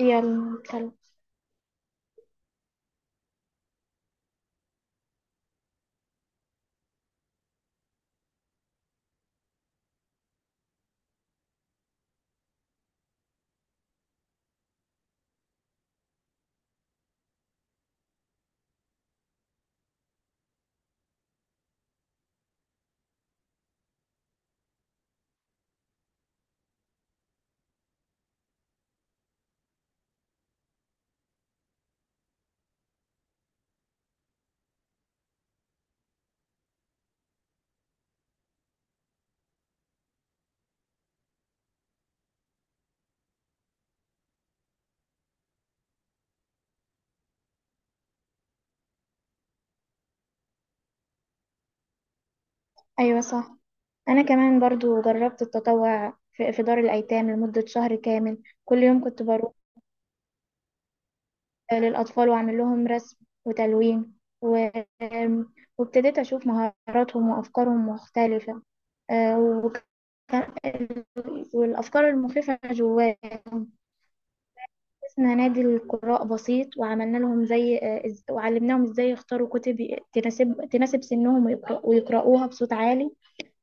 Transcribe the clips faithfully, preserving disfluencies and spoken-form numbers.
يا الكلب. أيوة، صح. أنا كمان برضو جربت التطوع في في دار الأيتام لمدة شهر كامل، كل يوم كنت بروح للأطفال وأعمل لهم رسم وتلوين و... وابتديت أشوف مهاراتهم وأفكارهم مختلفة، آه، وكان والأفكار المخيفة جواهم. اسمنا نادي القراء بسيط، وعملنا لهم زي آه، إز- وعلمناهم إزاي يختاروا كتب ي- تناسب تناسب سنهم، ويقرأ- ويقرأوها بصوت عالي،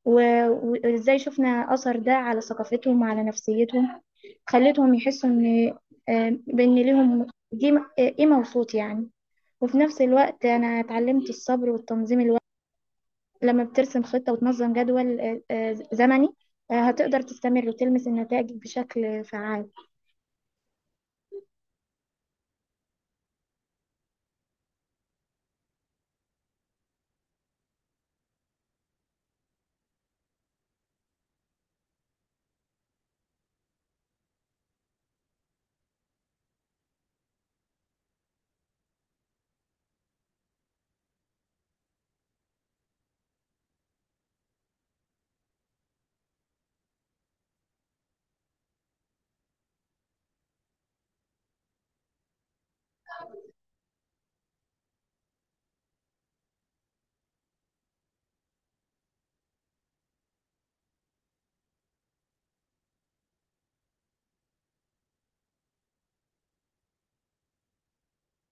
و- وإزاي شفنا أثر ده على ثقافتهم وعلى نفسيتهم. خلتهم يحسوا إن آه، بإن ليهم دي آه، قيمة وصوت يعني. وفي نفس الوقت أنا اتعلمت الصبر والتنظيم الوقت، لما بترسم خطة وتنظم جدول آه، آه، زمني، آه، هتقدر تستمر وتلمس النتائج بشكل فعال.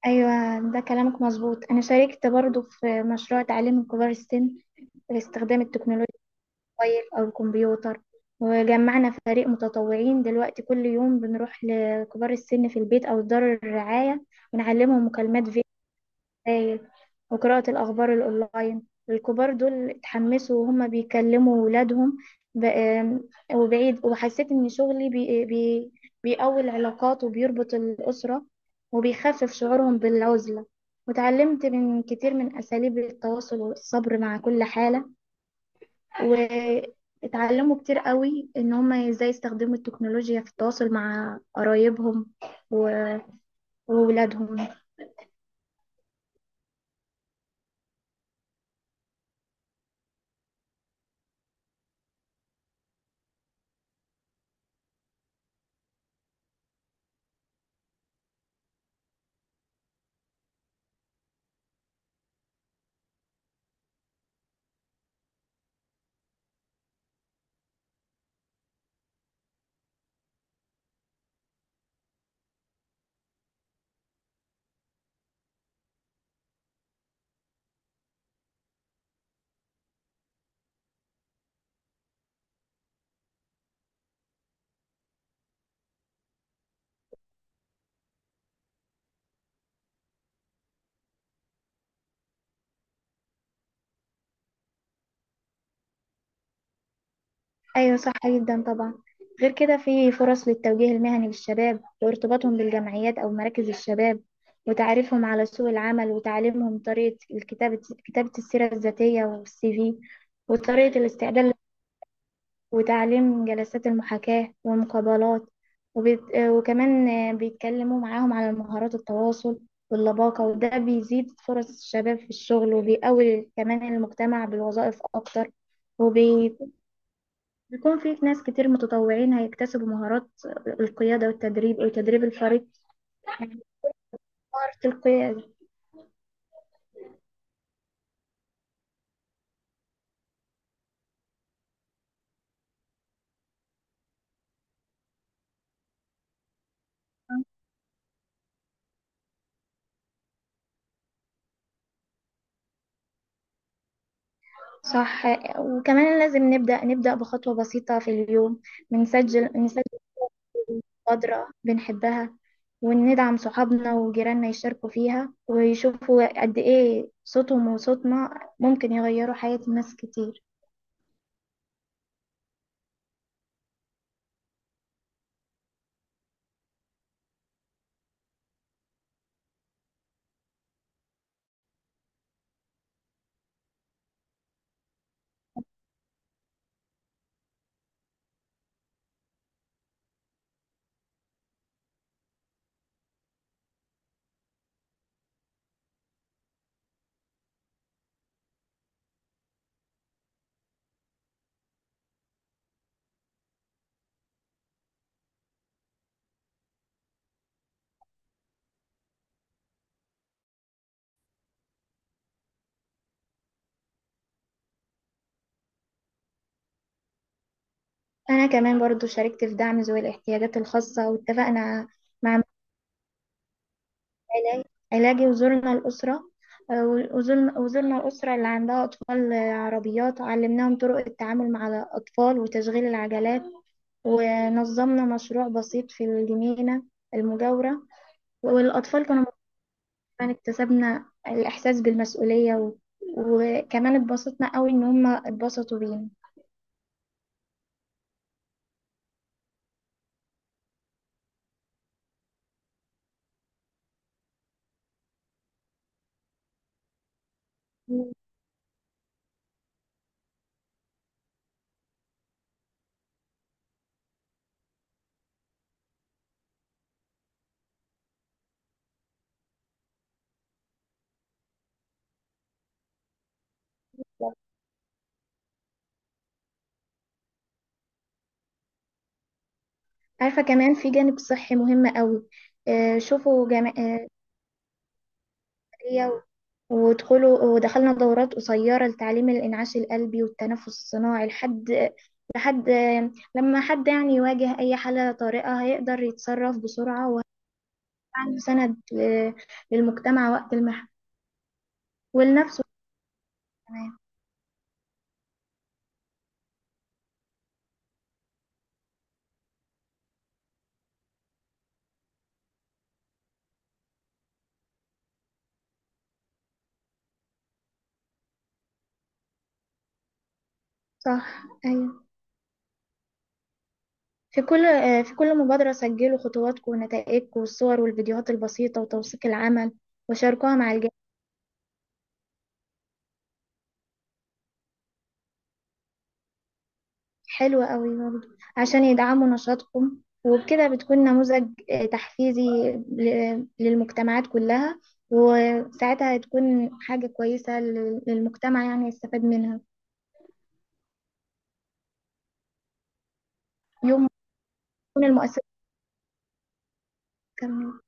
أيوة، ده كلامك مظبوط. أنا شاركت برضو في مشروع تعليم كبار السن باستخدام التكنولوجيا، الموبايل أو الكمبيوتر. وجمعنا فريق متطوعين دلوقتي، كل يوم بنروح لكبار السن في البيت أو دار الرعاية، ونعلمهم مكالمات فيديو، رسائل، وقراءة الأخبار الأونلاين. الكبار دول اتحمسوا وهم بيكلموا ولادهم ب- آم، وبعيد، وحسيت إن شغلي بي بي بيقوي العلاقات وبيربط الأسرة وبيخفف شعورهم بالعزلة. وتعلمت من كتير من أساليب التواصل والصبر مع كل حالة، واتعلموا كتير قوي ان هم ازاي يستخدموا التكنولوجيا في التواصل مع قرايبهم و- وولادهم. ايوه، صح جدا طبعا. غير كده في فرص للتوجيه المهني للشباب وارتباطهم بالجمعيات او مراكز الشباب، وتعريفهم على سوق العمل، وتعليمهم طريقة الكتابة، كتابة السيرة الذاتية والسي في، وطريقة الاستعداد، وتعليم جلسات المحاكاة والمقابلات، وبيت... وكمان بيتكلموا معاهم على مهارات التواصل واللباقة. وده بيزيد فرص الشباب في الشغل وبيقوي كمان المجتمع بالوظائف أكتر، وبيكون في ناس كتير متطوعين هيكتسبوا مهارات القيادة والتدريب وتدريب الفريق، يعني مهارة القيادة. صح. وكمان لازم نبدأ نبدأ بخطوة بسيطة في اليوم، بنسجل مبادرة بنحبها وندعم صحابنا وجيراننا يشاركوا فيها، ويشوفوا قد إيه صوتهم وصوتنا ممكن يغيروا حياة ناس كتير. أنا كمان برضو شاركت في دعم ذوي الاحتياجات الخاصة، واتفقنا مع مجلس علاج- علاجي، وزرنا الأسرة. آه، وزرنا وزرنا الأسرة اللي عندها أطفال، آه، عربيات، علمناهم طرق التعامل مع الأطفال وتشغيل العجلات، ونظمنا مشروع بسيط في الجنينة المجاورة. والأطفال كانوا فعلا، اكتسبنا الإحساس بالمسؤولية و... وكمان اتبسطنا قوي إن هما اتبسطوا بينا. مم. عارفة كمان في جانب صحي مهم قوي. آه، شوفوا جمعية، ودخلوا ودخلنا دورات قصيرة لتعليم الإنعاش القلبي والتنفس الصناعي، لحد لحد آه، لما حد يعني يواجه أي حالة طارئة هيقدر يتصرف بسرعة، وعنده سند ل- للمجتمع وقت المحن، ولنفسه كمان. صح، أيوة. في كل آه، في كل مبادرة سجلوا خطواتكم ونتائجكم والصور والفيديوهات البسيطة وتوثيق العمل، وشاركوها مع الجميع. حلوة قوي برضه، عشان يدعموا نشاطكم. وبكده بتكون نموذج آه، تحفيزي ل- للمجتمعات كلها، وساعتها هتكون حاجة كويسة لل- للمجتمع يعني يستفاد منها، يوم ما تكون المؤسسة كاملة.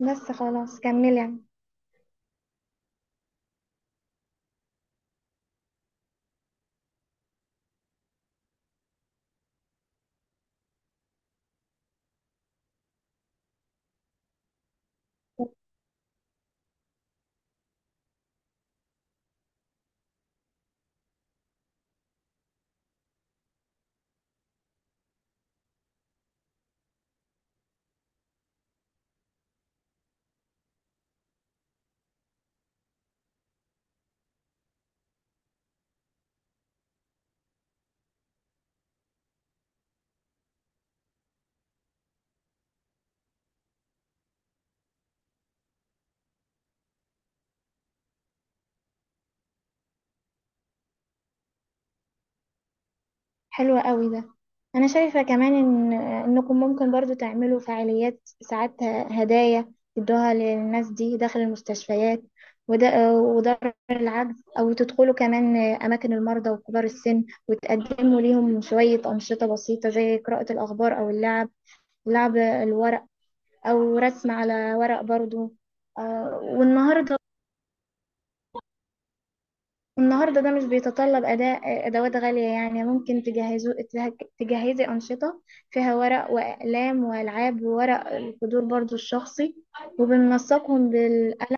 بس خلاص، كمل يعني. حلو قوي ده. انا شايفة كمان ان انكم ممكن برضو تعملوا فعاليات ساعات، هدايا تدوها للناس دي داخل المستشفيات وده ودار العجز، او تدخلوا كمان اماكن المرضى وكبار السن وتقدموا ليهم شوية انشطة بسيطة زي قراءة الاخبار او اللعب، لعب الورق او رسم على ورق برضو. آه، والنهاردة النهارده ده مش بيتطلب أداء أدوات غالية، يعني ممكن تجهزوا تجه- تجهزي أنشطة فيها ورق وأقلام وألعاب وورق القدور برضو الشخصي، وبننسقهم بالقلم،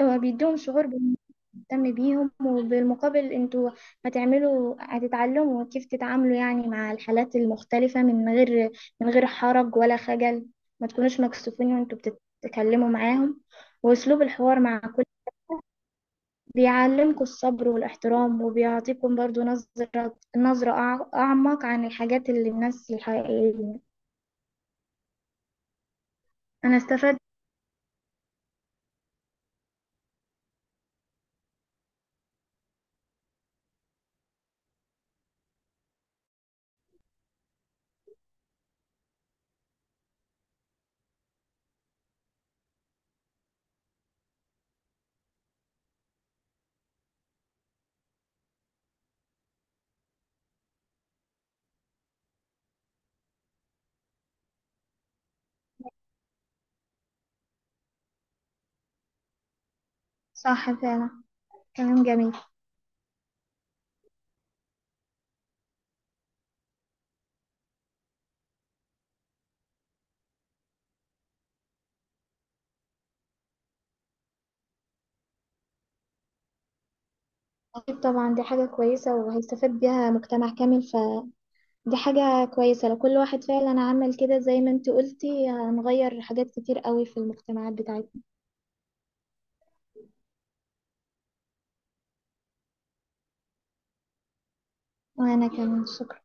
وبيديهم شعور بنهتم بيهم. وبالمقابل انتوا هتعملوا هتتعلموا كيف تتعاملوا يعني مع الحالات المختلفة، من غير من غير حرج ولا خجل. ما تكونوش مكسوفين وانتوا بتتكلموا معاهم. وأسلوب الحوار مع كل بيعلمكم الصبر والاحترام، وبيعطيكم برضو نظرة نظرة أع- أعمق عن الحاجات اللي الناس الحقيقية. أنا استفدت. صح فعلا، كلام جميل. أكيد طبعا دي حاجة كويسة وهيستفاد بيها مجتمع كامل، فدي حاجة كويسة لو كل واحد فعلا عمل كده زي ما انت قلتي، هنغير حاجات كتير قوي في المجتمعات بتاعتنا. وأنا كمان شكرا.